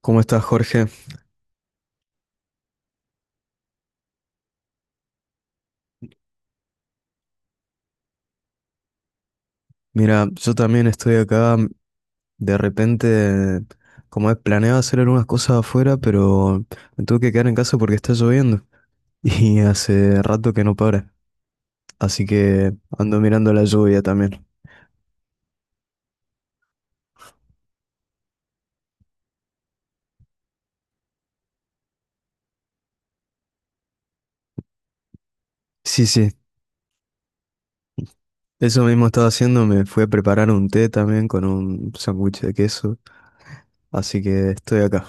¿Cómo estás, Jorge? Mira, yo también estoy acá. De repente, como es, planeado hacer algunas cosas afuera, pero me tuve que quedar en casa porque está lloviendo. Y hace rato que no para. Así que ando mirando la lluvia también. Sí, sí. Eso mismo estaba haciendo. Me fui a preparar un té también con un sándwich de queso. Así que estoy acá.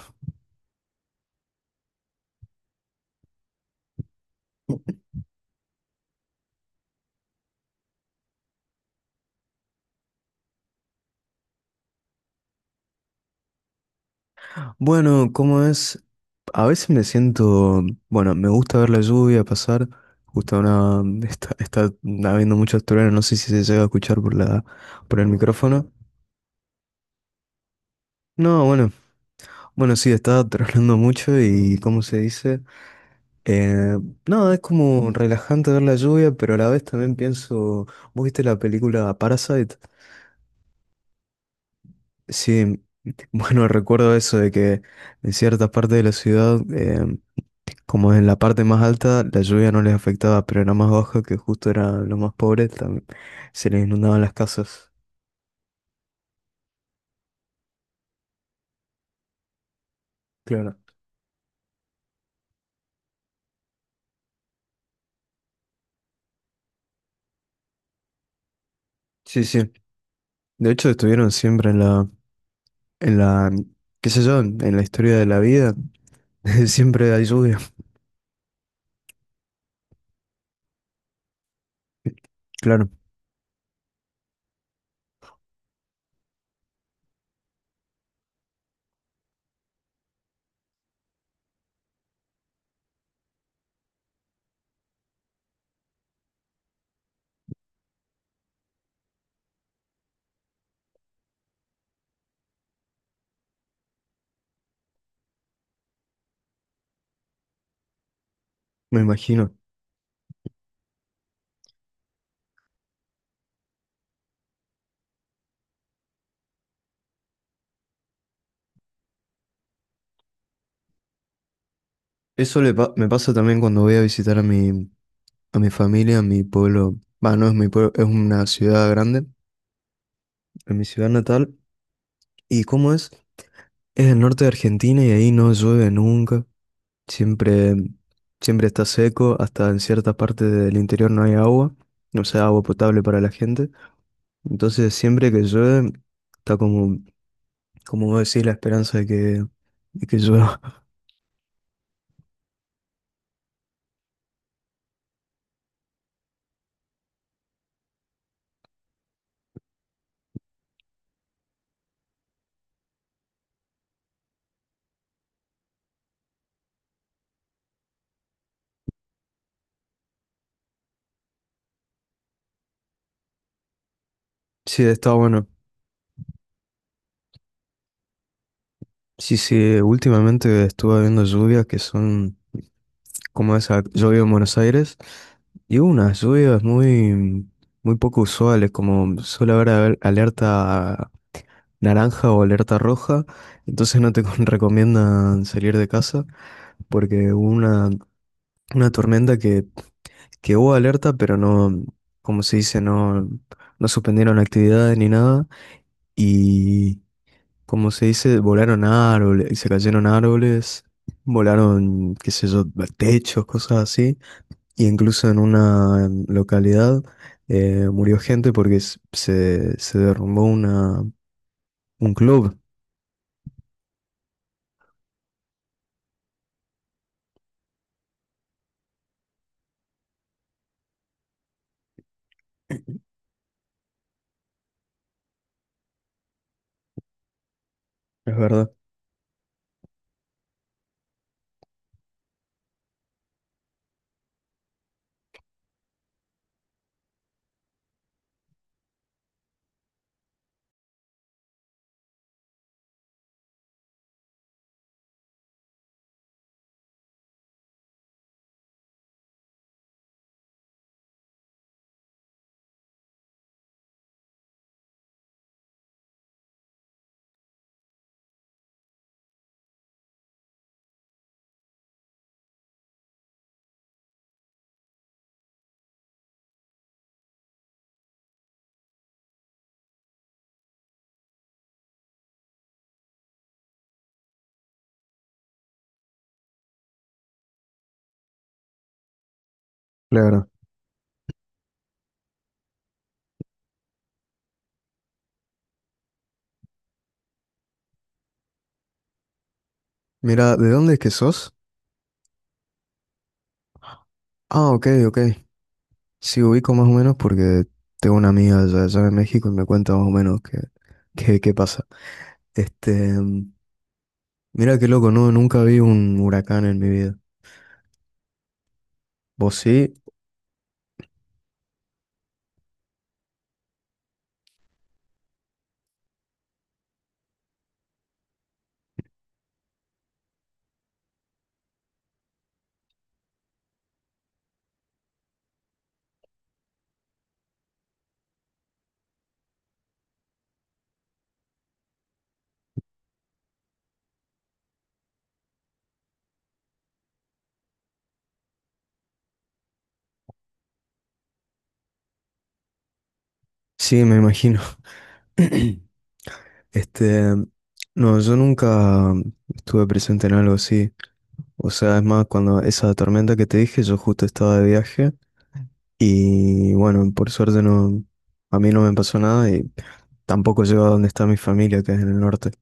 Bueno, ¿cómo es? A veces me siento, bueno, me gusta ver la lluvia pasar, justo una, está habiendo muchos truenos, no sé si se llega a escuchar por la, por el micrófono. No, bueno, bueno, sí, está tronando mucho y, ¿cómo se dice? Eh, no, es como relajante ver la lluvia, pero a la vez también pienso, ¿vos viste la película Parasite? Sí, bueno, recuerdo eso de que en ciertas partes de la ciudad como en la parte más alta la lluvia no les afectaba, pero en la más baja que justo eran los más pobres, también se les inundaban las casas. Claro. Sí, sí. De hecho estuvieron siempre en la, qué sé yo, en la historia de la vida, siempre hay lluvia. Claro, me imagino. Eso me pasa también cuando voy a visitar a mi familia, a mi pueblo. Va, no es mi pueblo, es una ciudad grande, en mi ciudad natal. ¿Y cómo es? Es el norte de Argentina y ahí no llueve nunca. Siempre, siempre está seco, hasta en ciertas partes del interior no hay agua, no sea agua potable para la gente. Entonces, siempre que llueve, está como, como vos decís, la esperanza de que llueva. Sí, está bueno. Sí, sí, últimamente estuve viendo lluvias que son como esa lluvia en Buenos Aires, y hubo unas lluvias muy, muy poco usuales, como suele haber alerta naranja o alerta roja, entonces no te recomiendan salir de casa, porque hubo una tormenta que hubo alerta, pero no, como se dice, no, no suspendieron actividades ni nada. Y como se dice, volaron árboles, se cayeron árboles, volaron, qué sé yo, techos, cosas así. Y incluso en una localidad murió gente porque se derrumbó una, un club, es verdad. Claro. Mira, ¿de dónde es que sos? Ah, ok, ok. Sí, ubico más o menos porque tengo una amiga allá, allá en México y me cuenta más o menos qué pasa. Este, mm, mira qué loco, no, nunca vi un huracán en mi vida. ¿Vos sí? Sí, me imagino. Este, mm, no, yo nunca estuve presente en algo así. O sea, es más, cuando esa tormenta que te dije, yo justo estaba de viaje y bueno, por suerte no, a mí no me pasó nada y tampoco llego a donde está mi familia, que es en el norte.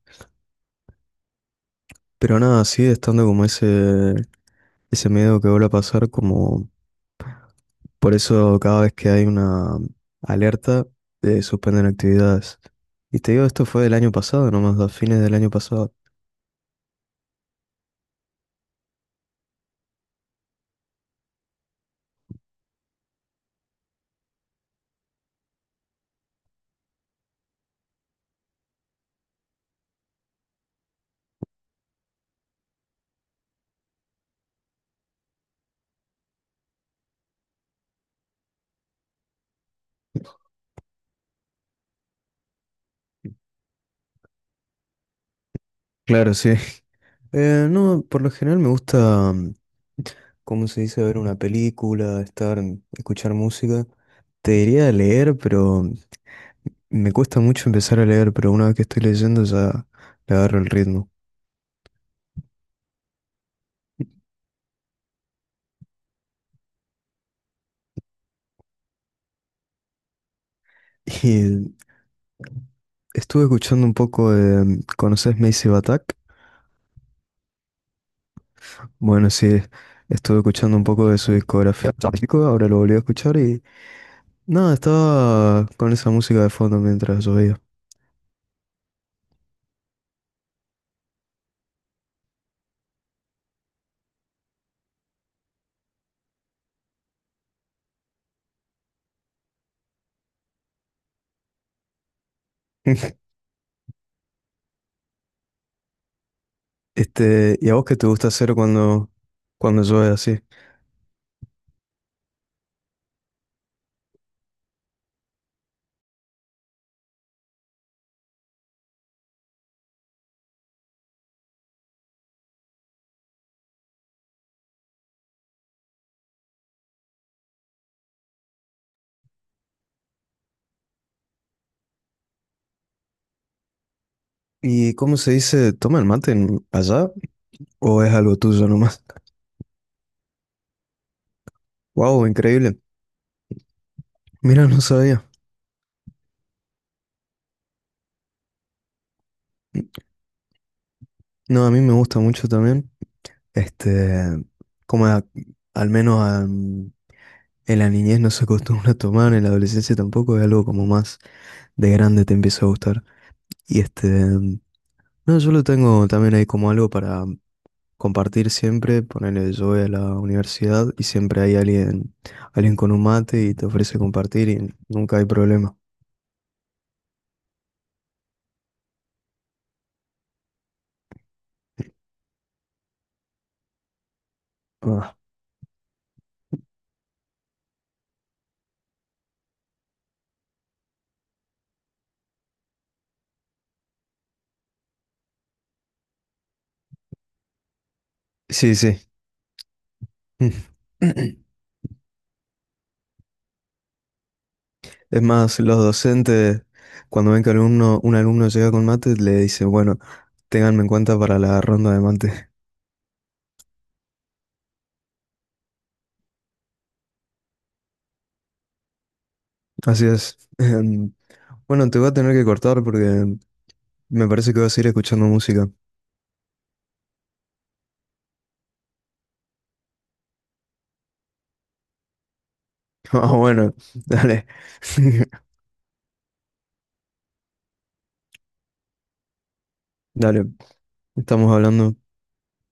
Pero nada, sigue estando como ese miedo que vuelve a pasar, como por eso cada vez que hay una alerta, suspenden actividades. Y te digo, esto fue del año pasado, nomás, a fines del año pasado. Claro, sí. No, por lo general me gusta, mm, ¿cómo se dice? Ver una película, estar, mm, escuchar música. Te diría leer, pero me cuesta mucho empezar a leer, pero una vez que estoy leyendo ya le agarro el ritmo. y estuve escuchando un poco de... ¿Conoces Massive Attack? Bueno, sí, estuve escuchando un poco de su discografía. Chico, ahora lo volví a escuchar y... Nada, estaba con esa música de fondo mientras llovía. Este, ¿y a vos qué te gusta hacer cuando, cuando llueve así? ¿Y cómo se dice? ¿Toma el mate en- allá? O es algo tuyo nomás. Wow, increíble. Mira, no sabía. No, a mí me gusta mucho también. Este, como al menos en la niñez no se acostumbra a tomar, en la adolescencia tampoco, es algo como más de grande te empieza a gustar. Y este, no, yo lo tengo también ahí como algo para compartir siempre. Ponerle yo voy a la universidad y siempre hay alguien, alguien con un mate y te ofrece compartir y nunca hay problema. Ah, sí, sí. Es más, los docentes, cuando ven que alumno, un alumno llega con mate, le dicen, bueno, ténganme en cuenta para la ronda de mate. Así es. Em, bueno, te voy a tener que cortar porque me parece que vas a ir escuchando música. Ah, bueno, dale. Dale, estamos hablando.